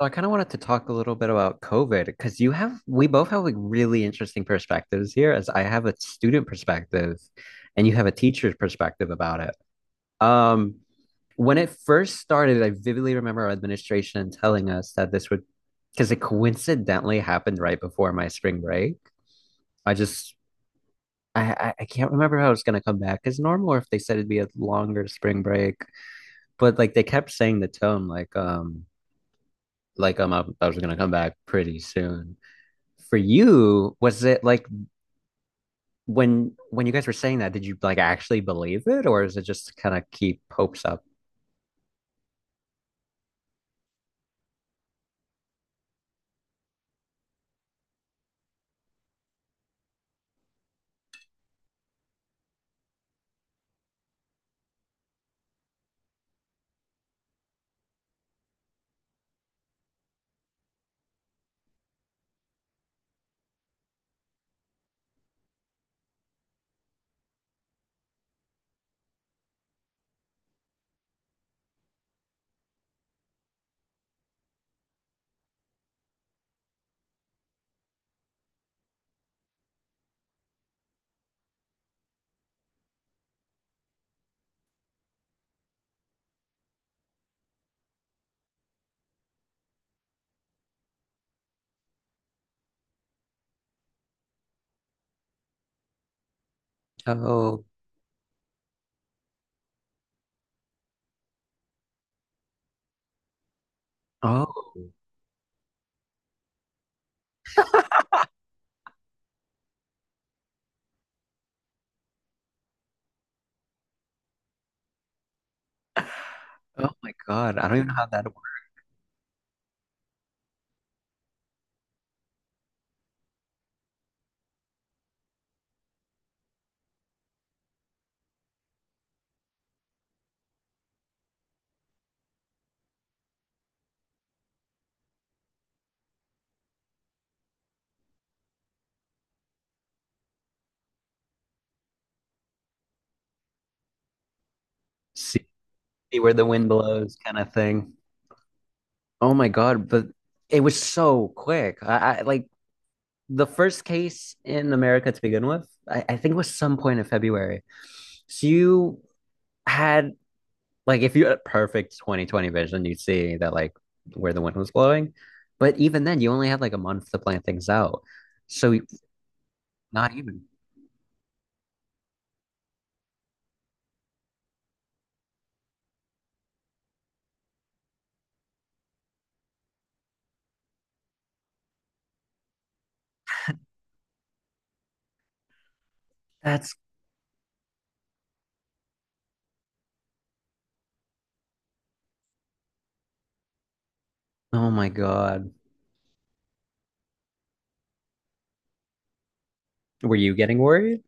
So I kind of wanted to talk a little bit about COVID because we both have like really interesting perspectives here, as I have a student perspective and you have a teacher's perspective about it. Um, when it first started, I vividly remember our administration telling us that because it coincidentally happened right before my spring break. I just, I, I can't remember how it's going to come back as normal or if they said it'd be a longer spring break, but like they kept saying the tone like I was going to come back pretty soon. For you, was it like when you guys were saying that, did you like actually believe it, or is it just to kind of keep hopes up? Oh, oh, oh my God. I don't even know how that works. See where the wind blows kind of thing. Oh my God, but it was so quick. I like the first case in America to begin with, I think was some point in February. So you had Like if you had perfect 2020 vision, you'd see that like where the wind was blowing. But even then, you only had like a month to plan things out. So not even. That's Oh my God. Were you getting worried?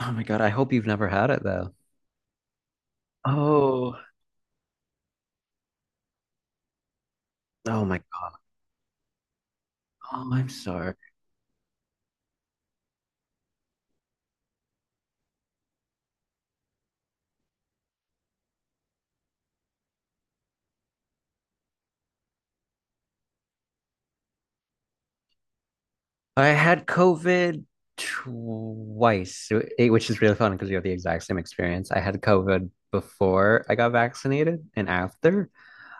Oh my God. I hope you've never had it though. Oh, oh my God. Oh, I'm sorry. I had COVID twice, eh, which is really fun because you have the exact same experience. I had COVID before I got vaccinated and after.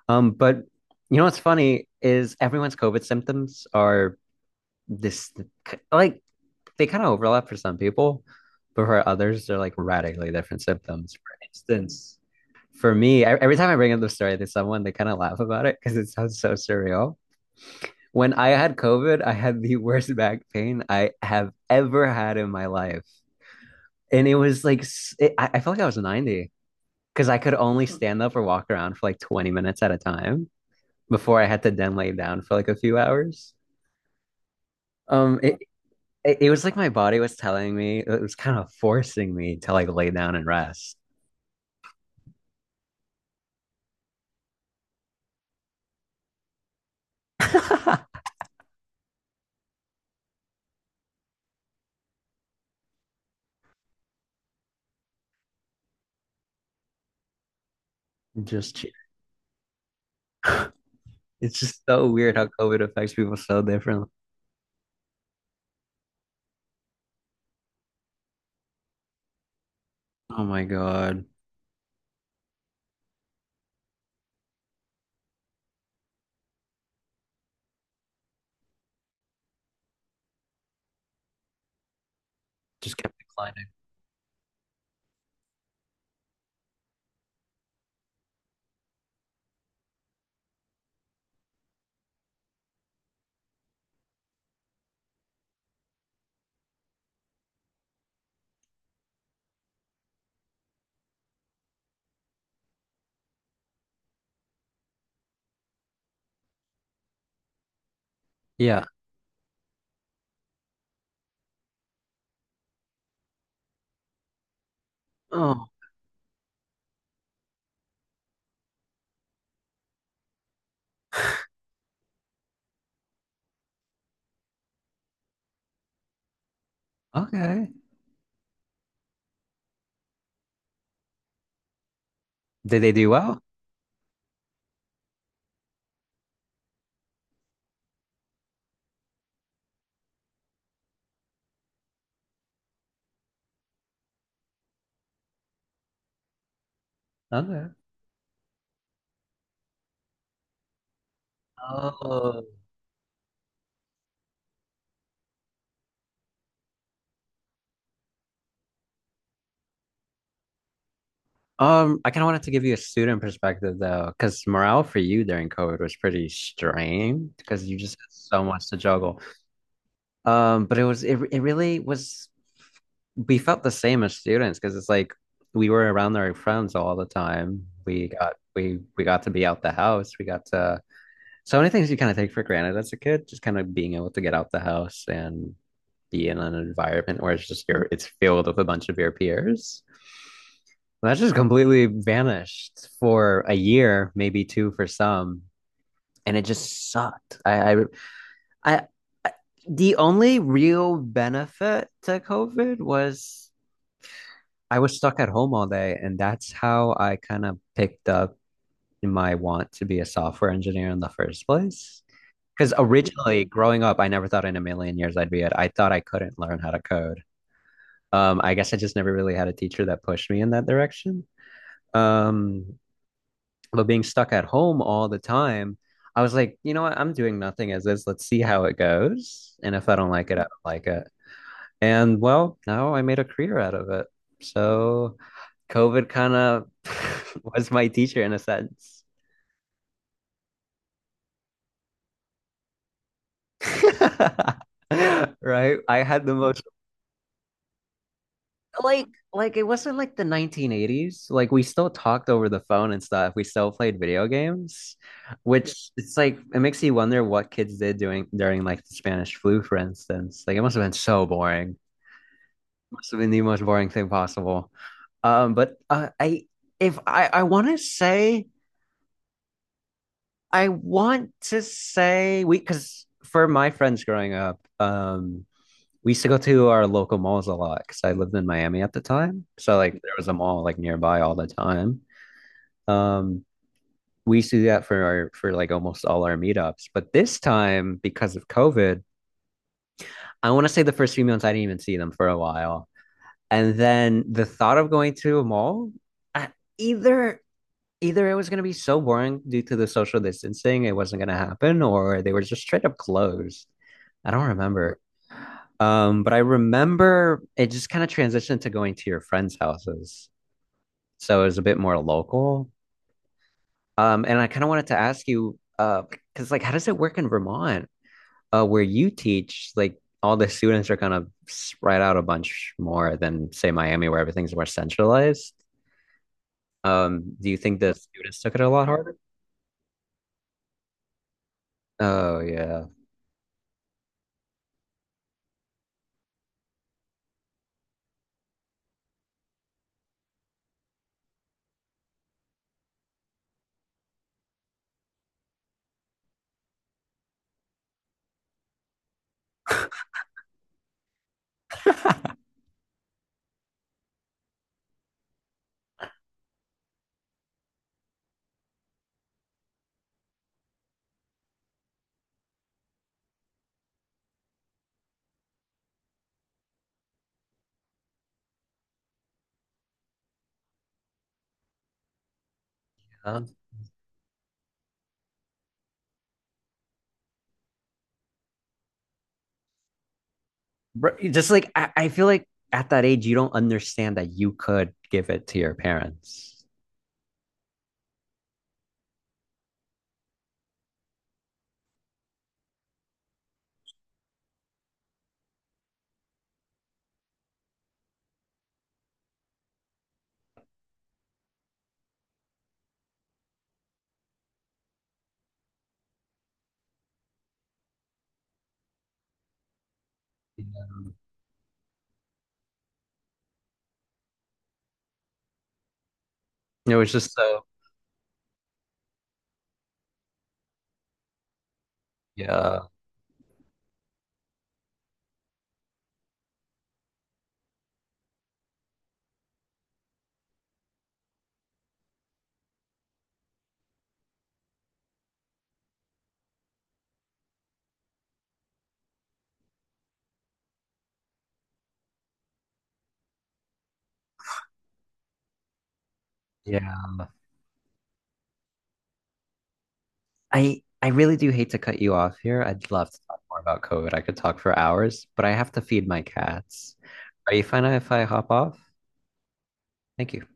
But you know what's funny is everyone's COVID symptoms are this like they kind of overlap for some people, but for others, they're like radically different symptoms. For instance, for me, every time I bring up the story to someone, they kind of laugh about it because it sounds so surreal. When I had COVID, I had the worst back pain I have ever had in my life. And it was like, I felt like I was 90 because I could only stand up or walk around for like 20 minutes at a time before I had to then lay down for like a few hours. Um, it it was like my body was telling me it was kind of forcing me to like lay down and rest. Just chill. It's just so weird how COVID affects people so differently. Oh my God. Just kept declining. Yeah. Oh, okay. Did they do well? Okay. Oh. I kind of wanted to give you a student perspective though, because morale for you during COVID was pretty strained because you just had so much to juggle. But it really was, we felt the same as students because it's like we were around our friends all the time. We got to be out the house. We got to So many things you kind of take for granted as a kid, just kind of being able to get out the house and be in an environment where it's just your it's filled with a bunch of your peers. That just completely vanished for a year, maybe two for some, and it just sucked. I, I The only real benefit to COVID was I was stuck at home all day, and that's how I kind of picked up my want to be a software engineer in the first place. Because originally, growing up, I never thought in a million years I'd be it. I thought I couldn't learn how to code. I guess I just never really had a teacher that pushed me in that direction. Um, but being stuck at home all the time, I was like, you know what? I'm doing nothing as is. Let's see how it goes. And if I don't like it, I don't like it. And well, now I made a career out of it. So COVID kind of was my teacher in a sense. Right? I had the most like like it wasn't like the 1980s. Like we still talked over the phone and stuff. We still played video games, which it's like it makes you wonder what kids did doing during like the Spanish flu, for instance. Like it must have been so boring. Must have been the most boring thing possible. But I if I I want to say we because for my friends growing up, we used to go to our local malls a lot because I lived in Miami at the time. So like there was a mall like nearby all the time. Um, we used to do that for our for like almost all our meetups. But this time, because of COVID, I want to say the first few months I didn't even see them for a while. And then the thought of going to a mall, I, either either it was going to be so boring due to the social distancing, it wasn't going to happen, or they were just straight up closed. I don't remember. But I remember it just kind of transitioned to going to your friends' houses. So it was a bit more local. And I kind of wanted to ask you, because like, how does it work in Vermont, where you teach? Like, all the students are kind of spread out a bunch more than say Miami, where everything's more centralized. Do you think the students took it a lot harder? Oh yeah. Huh? Just like I feel like at that age you don't understand that you could give it to your parents. Yeah. It was just so, yeah, yeah. I really do hate to cut you off here. I'd love to talk more about COVID. I could talk for hours, but I have to feed my cats. Are you fine if I hop off? Thank you.